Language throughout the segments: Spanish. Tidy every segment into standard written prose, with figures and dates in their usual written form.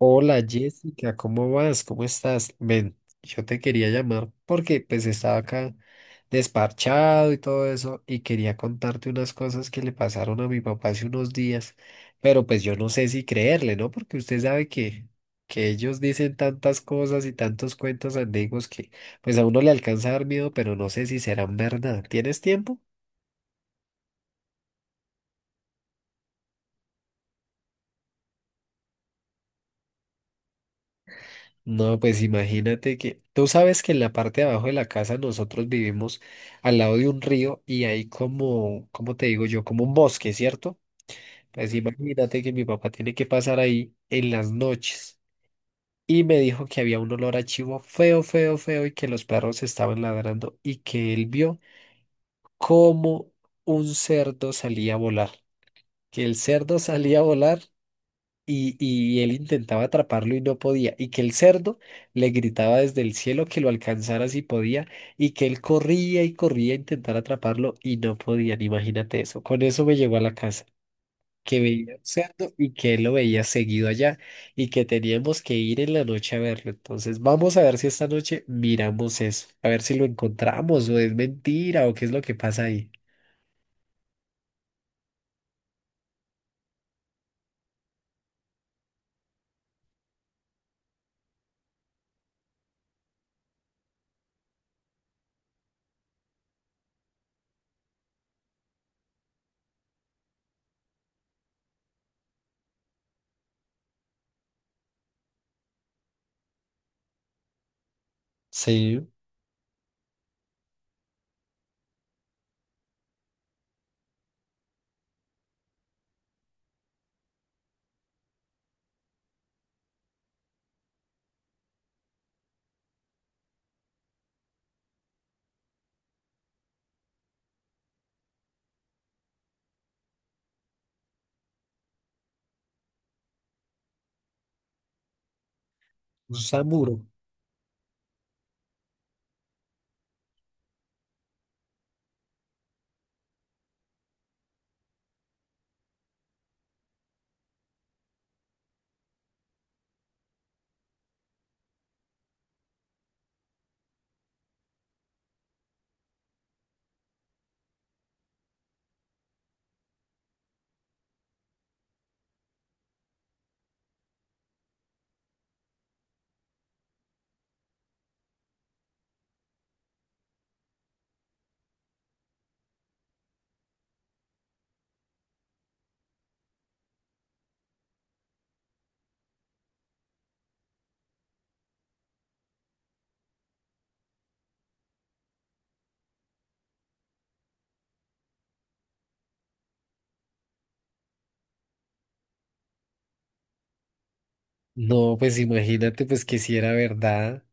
Hola Jessica, ¿cómo vas? ¿Cómo estás? Ven, yo te quería llamar porque pues estaba acá desparchado y todo eso y quería contarte unas cosas que le pasaron a mi papá hace unos días, pero pues yo no sé si creerle, ¿no? Porque usted sabe que ellos dicen tantas cosas y tantos cuentos antiguos que pues a uno le alcanza a dar miedo, pero no sé si serán verdad. ¿Tienes tiempo? No, pues imagínate que tú sabes que en la parte de abajo de la casa nosotros vivimos al lado de un río y hay como, ¿cómo te digo yo? Como un bosque, ¿cierto? Pues imagínate que mi papá tiene que pasar ahí en las noches y me dijo que había un olor a chivo feo, feo, feo y que los perros estaban ladrando y que él vio como un cerdo salía a volar, que el cerdo salía a volar y él intentaba atraparlo y no podía, y que el cerdo le gritaba desde el cielo que lo alcanzara si podía, y que él corría y corría a intentar atraparlo y no podían, imagínate eso. Con eso me llegó a la casa, que veía un cerdo y que él lo veía seguido allá y que teníamos que ir en la noche a verlo. Entonces, vamos a ver si esta noche miramos eso, a ver si lo encontramos o es mentira o qué es lo que pasa ahí. Sí, un samuro. No, pues imagínate pues que si era verdad,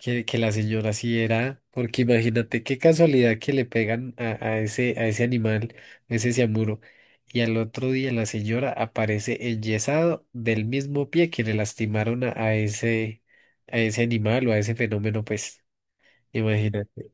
que la señora sí era, porque imagínate qué casualidad que le pegan a ese, a ese animal, a ese ciamuro, y al otro día la señora aparece enyesado del mismo pie que le lastimaron a ese, a ese animal o a ese fenómeno, pues, imagínate.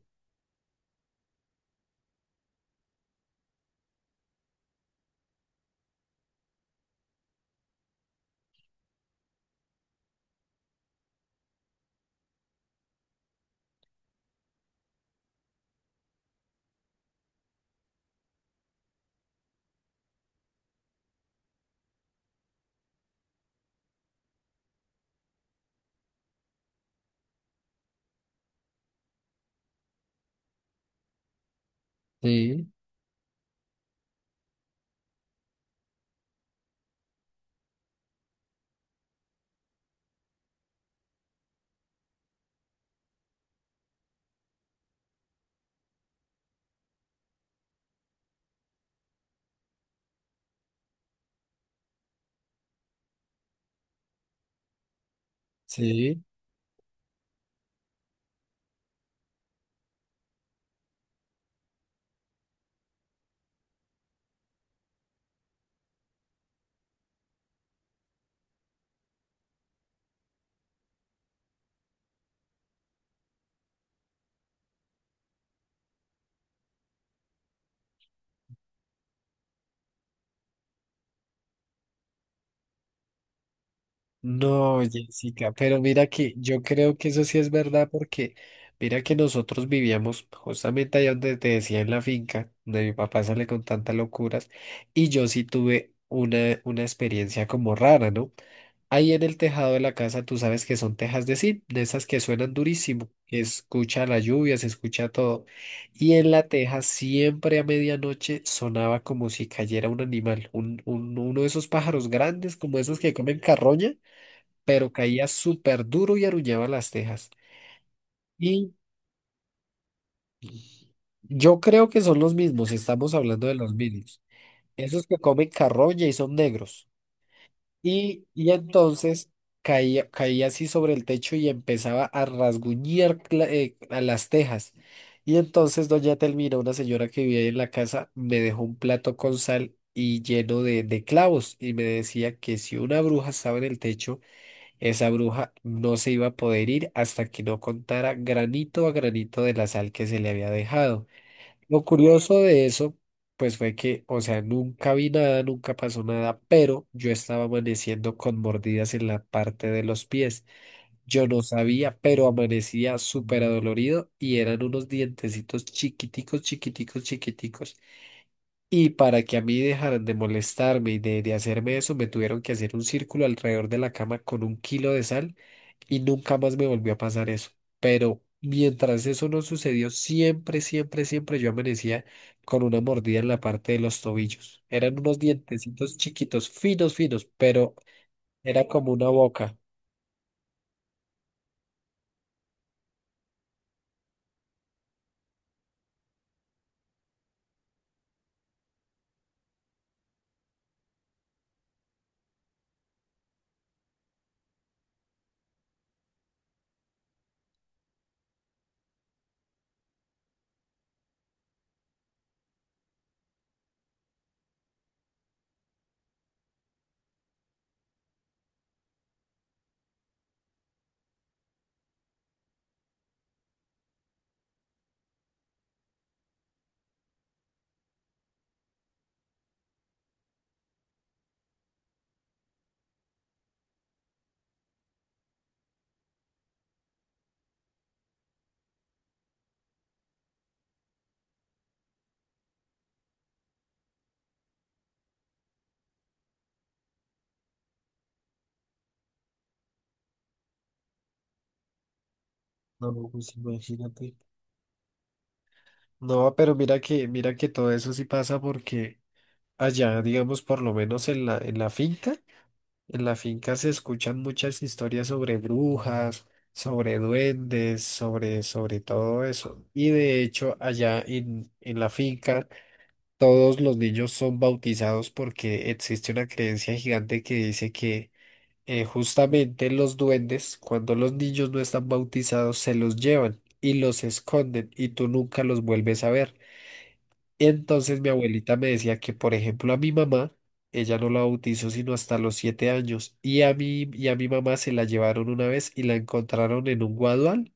Sí, sí. No, Jessica, pero mira que yo creo que eso sí es verdad porque mira que nosotros vivíamos justamente allá donde te decía en la finca, donde mi papá sale con tantas locuras, y yo sí tuve una experiencia como rara, ¿no? Ahí en el tejado de la casa tú sabes que son tejas de zinc, de esas que suenan durísimo, que escucha la lluvia, se escucha todo, y en la teja siempre a medianoche sonaba como si cayera un animal, uno de esos pájaros grandes como esos que comen carroña pero caía súper duro y arrullaba las tejas. Y yo creo que son los mismos, estamos hablando de los mismos. Esos que comen carroña y son negros. Y entonces caía, caía así sobre el techo y empezaba a rasguñar a las tejas. Y entonces doña Telmira, una señora que vivía ahí en la casa, me dejó un plato con sal y lleno de clavos y me decía que si una bruja estaba en el techo, esa bruja no se iba a poder ir hasta que no contara granito a granito de la sal que se le había dejado. Lo curioso de eso, pues fue que, o sea, nunca vi nada, nunca pasó nada, pero yo estaba amaneciendo con mordidas en la parte de los pies. Yo no sabía, pero amanecía súper adolorido y eran unos dientecitos chiquiticos, chiquiticos, chiquiticos. Y para que a mí dejaran de molestarme y de hacerme eso, me tuvieron que hacer un círculo alrededor de la cama con un kilo de sal y nunca más me volvió a pasar eso. Pero mientras eso no sucedió, siempre, siempre, siempre yo amanecía con una mordida en la parte de los tobillos. Eran unos dientecitos chiquitos, finos, finos, pero era como una boca. No, pues imagínate. No, pero mira que todo eso sí pasa porque allá, digamos, por lo menos en la finca. En la finca se escuchan muchas historias sobre brujas, sobre duendes, sobre, sobre todo eso. Y de hecho, allá en la finca, todos los niños son bautizados porque existe una creencia gigante que dice que justamente los duendes, cuando los niños no están bautizados, se los llevan y los esconden y tú nunca los vuelves a ver. Entonces mi abuelita me decía que, por ejemplo, a mi mamá, ella no la bautizó sino hasta los 7 años, y a mí y a mi mamá se la llevaron una vez y la encontraron en un guadual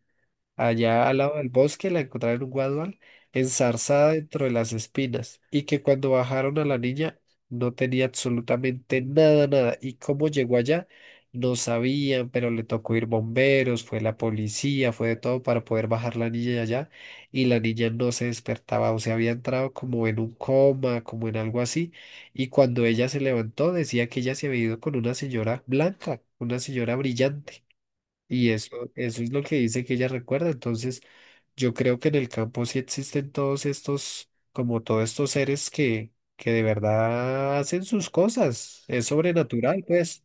allá al lado del bosque la encontraron en un guadual, enzarzada dentro de las espinas, y que cuando bajaron a la niña no tenía absolutamente nada, nada. ¿Y cómo llegó allá? No sabían, pero le tocó ir bomberos, fue la policía, fue de todo para poder bajar la niña de allá, y la niña no se despertaba, o sea, había entrado como en un coma, como en algo así, y cuando ella se levantó decía que ella se había ido con una señora blanca, una señora brillante. Y eso es lo que dice que ella recuerda. Entonces, yo creo que en el campo sí existen todos estos, como todos estos seres que de verdad hacen sus cosas. Es sobrenatural, pues.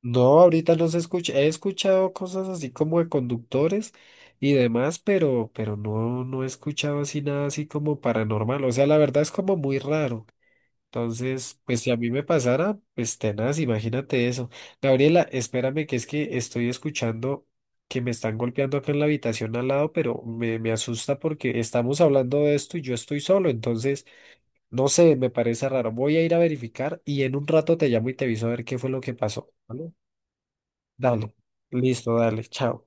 No, ahorita no se escucha. He escuchado cosas así como de conductores y demás, pero, no he escuchado así nada así como paranormal. O sea, la verdad es como muy raro. Entonces, pues si a mí me pasara, pues tenaz, imagínate eso. Gabriela, espérame que es que estoy escuchando que me están golpeando acá en la habitación al lado, pero me asusta porque estamos hablando de esto y yo estoy solo, entonces, no sé, me parece raro. Voy a ir a verificar y en un rato te llamo y te aviso a ver qué fue lo que pasó. ¿Vale? Dale, listo, dale, chao.